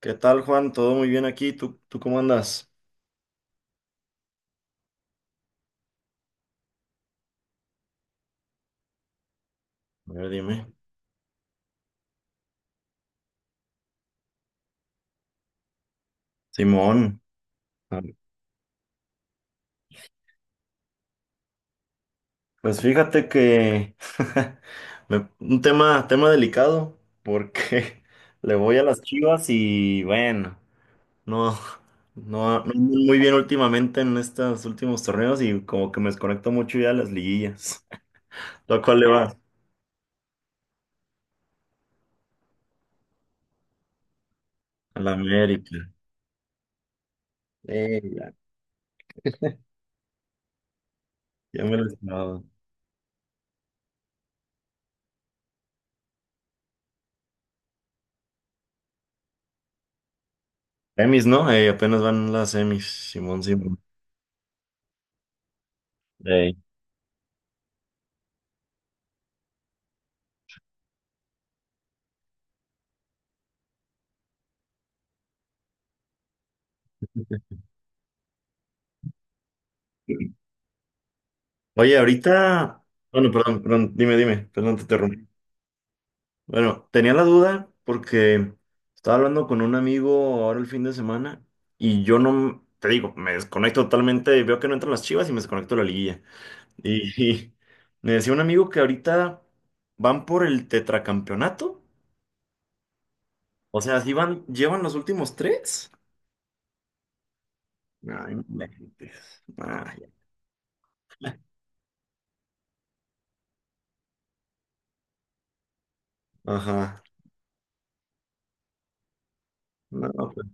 ¿Qué tal, Juan? ¿Todo muy bien aquí? ¿¿Tú cómo andas? A ver, dime. Simón. Ah, Pues fíjate que un tema, tema delicado, porque le voy a las Chivas y bueno, no, no, no ando muy bien últimamente en estos últimos torneos y como que me desconecto mucho ya de las liguillas. ¿Tú a cuál le vas? A la América. Ya, ya me lo he. Semis, ¿no? Apenas van las semis, Simón, Simón. Ey. Oye, ahorita, bueno, perdón, perdón, dime, dime, perdón, te interrumpí. Bueno, tenía la duda porque estaba hablando con un amigo ahora el fin de semana y yo no, te digo, me desconecto totalmente, veo que no entran las Chivas y me desconecto de la liguilla. Y, y me decía un amigo que ahorita van por el tetracampeonato, o sea, si van, llevan los últimos tres. Ay, no inventes. Ay, ajá. No, pues,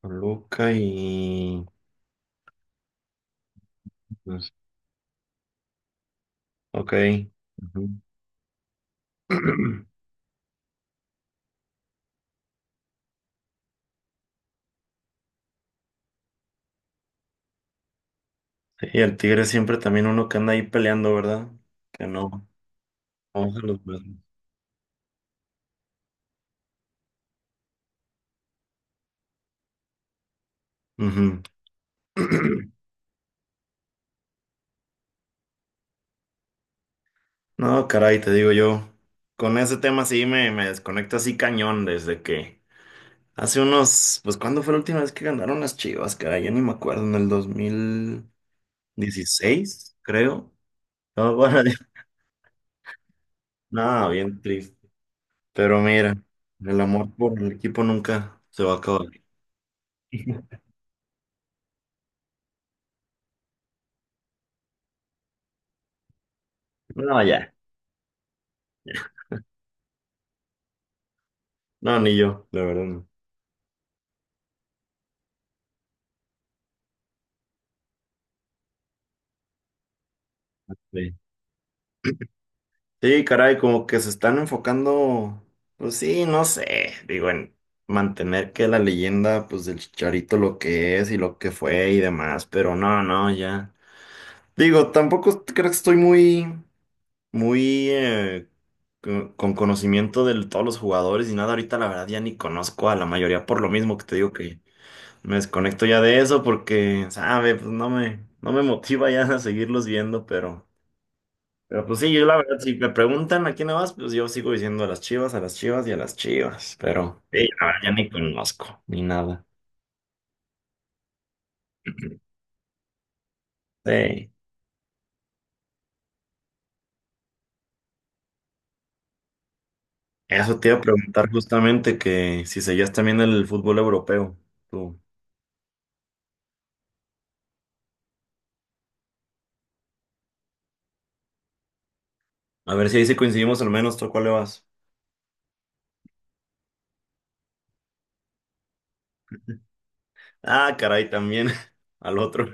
Toluca y... pues, ok. Ujú. ¿Y el tigre siempre también uno que anda ahí peleando, verdad? Que no, no baja los brazos. Ujú. No, caray, te digo yo, con ese tema sí me desconecto así cañón desde que hace unos, pues ¿cuándo fue la última vez que ganaron las Chivas, caray? Ya ni me acuerdo, en el 2016, creo. No, bueno, nada, bien triste. Pero mira, el amor por el equipo nunca se va a acabar. No, ya. No, ni yo, la verdad no. Sí. Sí, caray, como que se están enfocando, pues sí, no sé, digo, en mantener que la leyenda, pues del Chicharito lo que es y lo que fue y demás, pero no, no, ya. Digo, tampoco creo que estoy muy con conocimiento de todos los jugadores y nada, ahorita la verdad ya ni conozco a la mayoría por lo mismo que te digo que me desconecto ya de eso porque, sabe, pues no no me motiva ya a seguirlos viendo, pero... Pero pues sí, yo la verdad, si me preguntan a quién le vas, pues yo sigo diciendo a las Chivas y a las Chivas. Pero sí, la verdad, ya ni conozco, ni nada. Sí. Eso te iba a preguntar justamente que si seguías también el fútbol europeo, tú. A ver si ahí sí coincidimos al menos, ¿tú a cuál le vas? Ah, caray, también al otro.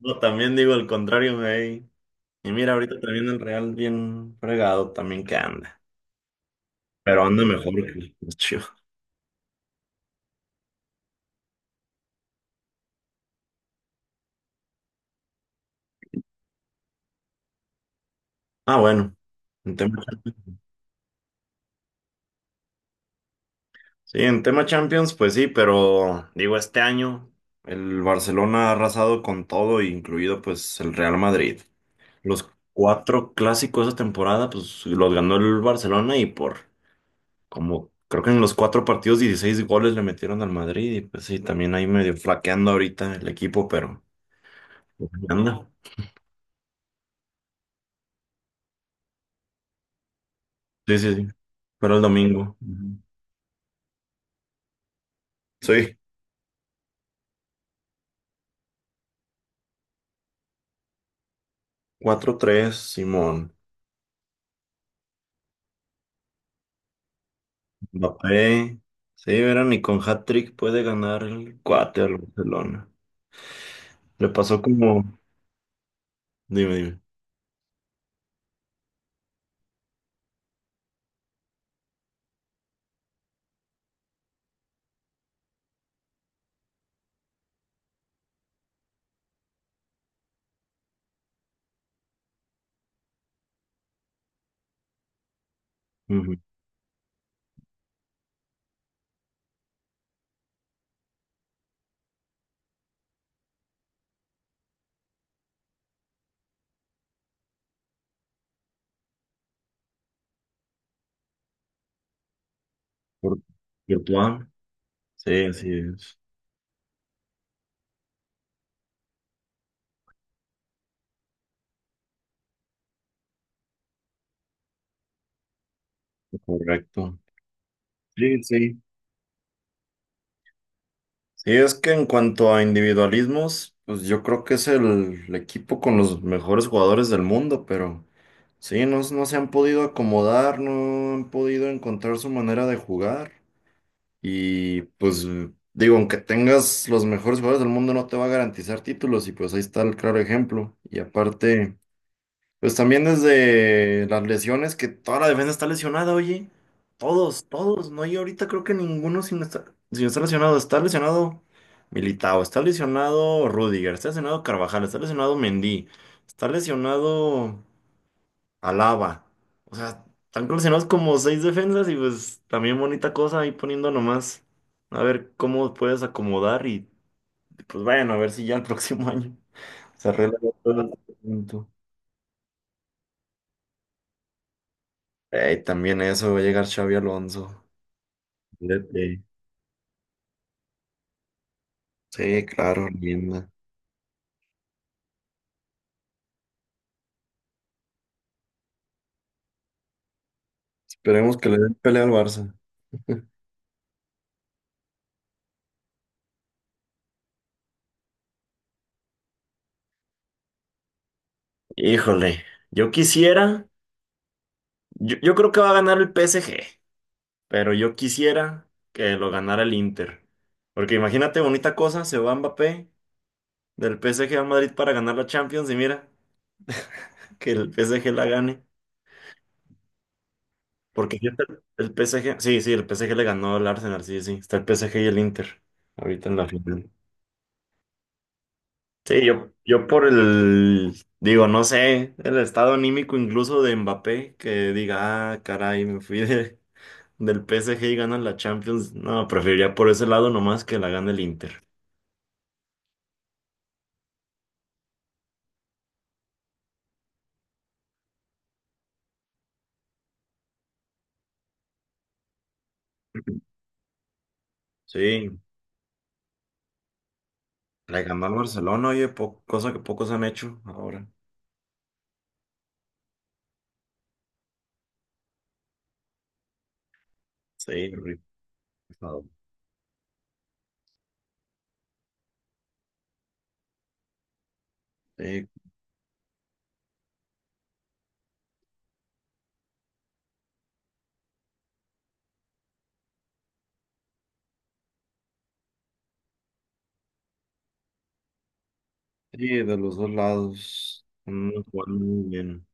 No, también digo el contrario, güey. Y mira, ahorita también el Real bien fregado también que anda. Pero anda mejor que los Chivas. Ah, bueno. Sí, en tema Champions, pues sí, pero digo, este año el Barcelona ha arrasado con todo, incluido pues el Real Madrid. Los cuatro clásicos de esa temporada, pues los ganó el Barcelona y por como creo que en los cuatro partidos 16 goles le metieron al Madrid y pues sí, también ahí medio flaqueando ahorita el equipo, pero pues, ahí anda. Sí, sí, sí. Pero el domingo. Ujú. Sí, cuatro tres, Simón. Mbappé, sí, verán, y con hat-trick puede ganar el cuate al Barcelona. Le pasó como, dime, dime. Ujú. Por Courtois. Sí, así es, correcto. Sí, sí. Sí, es que en cuanto a individualismos, pues yo creo que es el equipo con los mejores jugadores del mundo, pero sí, no, no se han podido acomodar, no han podido encontrar su manera de jugar. Y pues digo, aunque tengas los mejores jugadores del mundo, no te va a garantizar títulos y pues ahí está el claro ejemplo. Y aparte, pues también desde las lesiones, que toda la defensa está lesionada, oye. Todos, todos. No hay ahorita creo que ninguno sin estar, sin estar lesionado. Está lesionado Militao, está lesionado Rudiger, está lesionado Carvajal, está lesionado Mendy, está lesionado... Alaba. O sea, están coleccionados como seis defensas y pues también bonita cosa ahí poniendo nomás. A ver cómo puedes acomodar y pues bueno, a ver si ya el próximo año se arregla ya todo el asunto. Ey, también eso, va a llegar Xavi Alonso. Vete. Sí, claro, linda. Esperemos que le den pelea al Barça. Híjole, yo quisiera, yo creo que va a ganar el PSG, pero yo quisiera que lo ganara el Inter. Porque imagínate, bonita cosa, se va Mbappé del PSG al Madrid para ganar la Champions y mira, que el PSG la gane. Porque ya está el PSG, sí, sí, el PSG le ganó al Arsenal, sí, sí, está el PSG y el Inter ahorita en la final. Sí, yo por el, digo, no sé, el estado anímico incluso de Mbappé, que diga, ah, caray, me fui del PSG y ganan la Champions. No, preferiría por ese lado nomás que la gane el Inter. Sí, le ganó al Barcelona, oye, po- cosa que pocos han hecho ahora. Sí, rifado. Sí, sí, de los dos lados. Mm, jugaron muy bien.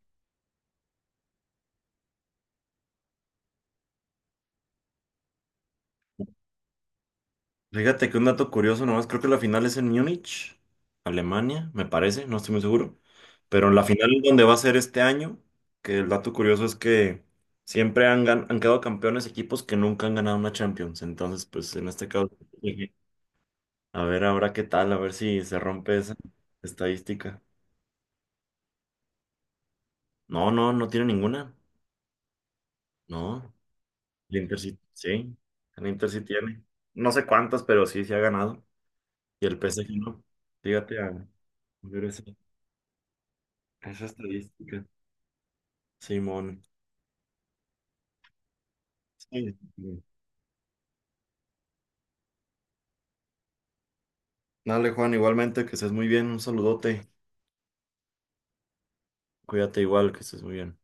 Fíjate que un dato curioso nomás, creo que la final es en Múnich, Alemania, me parece, no estoy muy seguro. Pero la final es donde va a ser este año, que el dato curioso es que siempre han, gan- han quedado campeones equipos que nunca han ganado una Champions. Entonces, pues en este caso, a ver ahora qué tal, a ver si se rompe esa estadística. No, no, no tiene ninguna. No, el Inter sí, sí, el Inter sí tiene. No sé cuántas, pero sí, sí ha ganado. Y el PSG no. Fíjate a ver esa, esa estadística. Simón. Sí. Dale, Juan, igualmente que estés muy bien. Un saludote. Cuídate igual, que estés muy bien.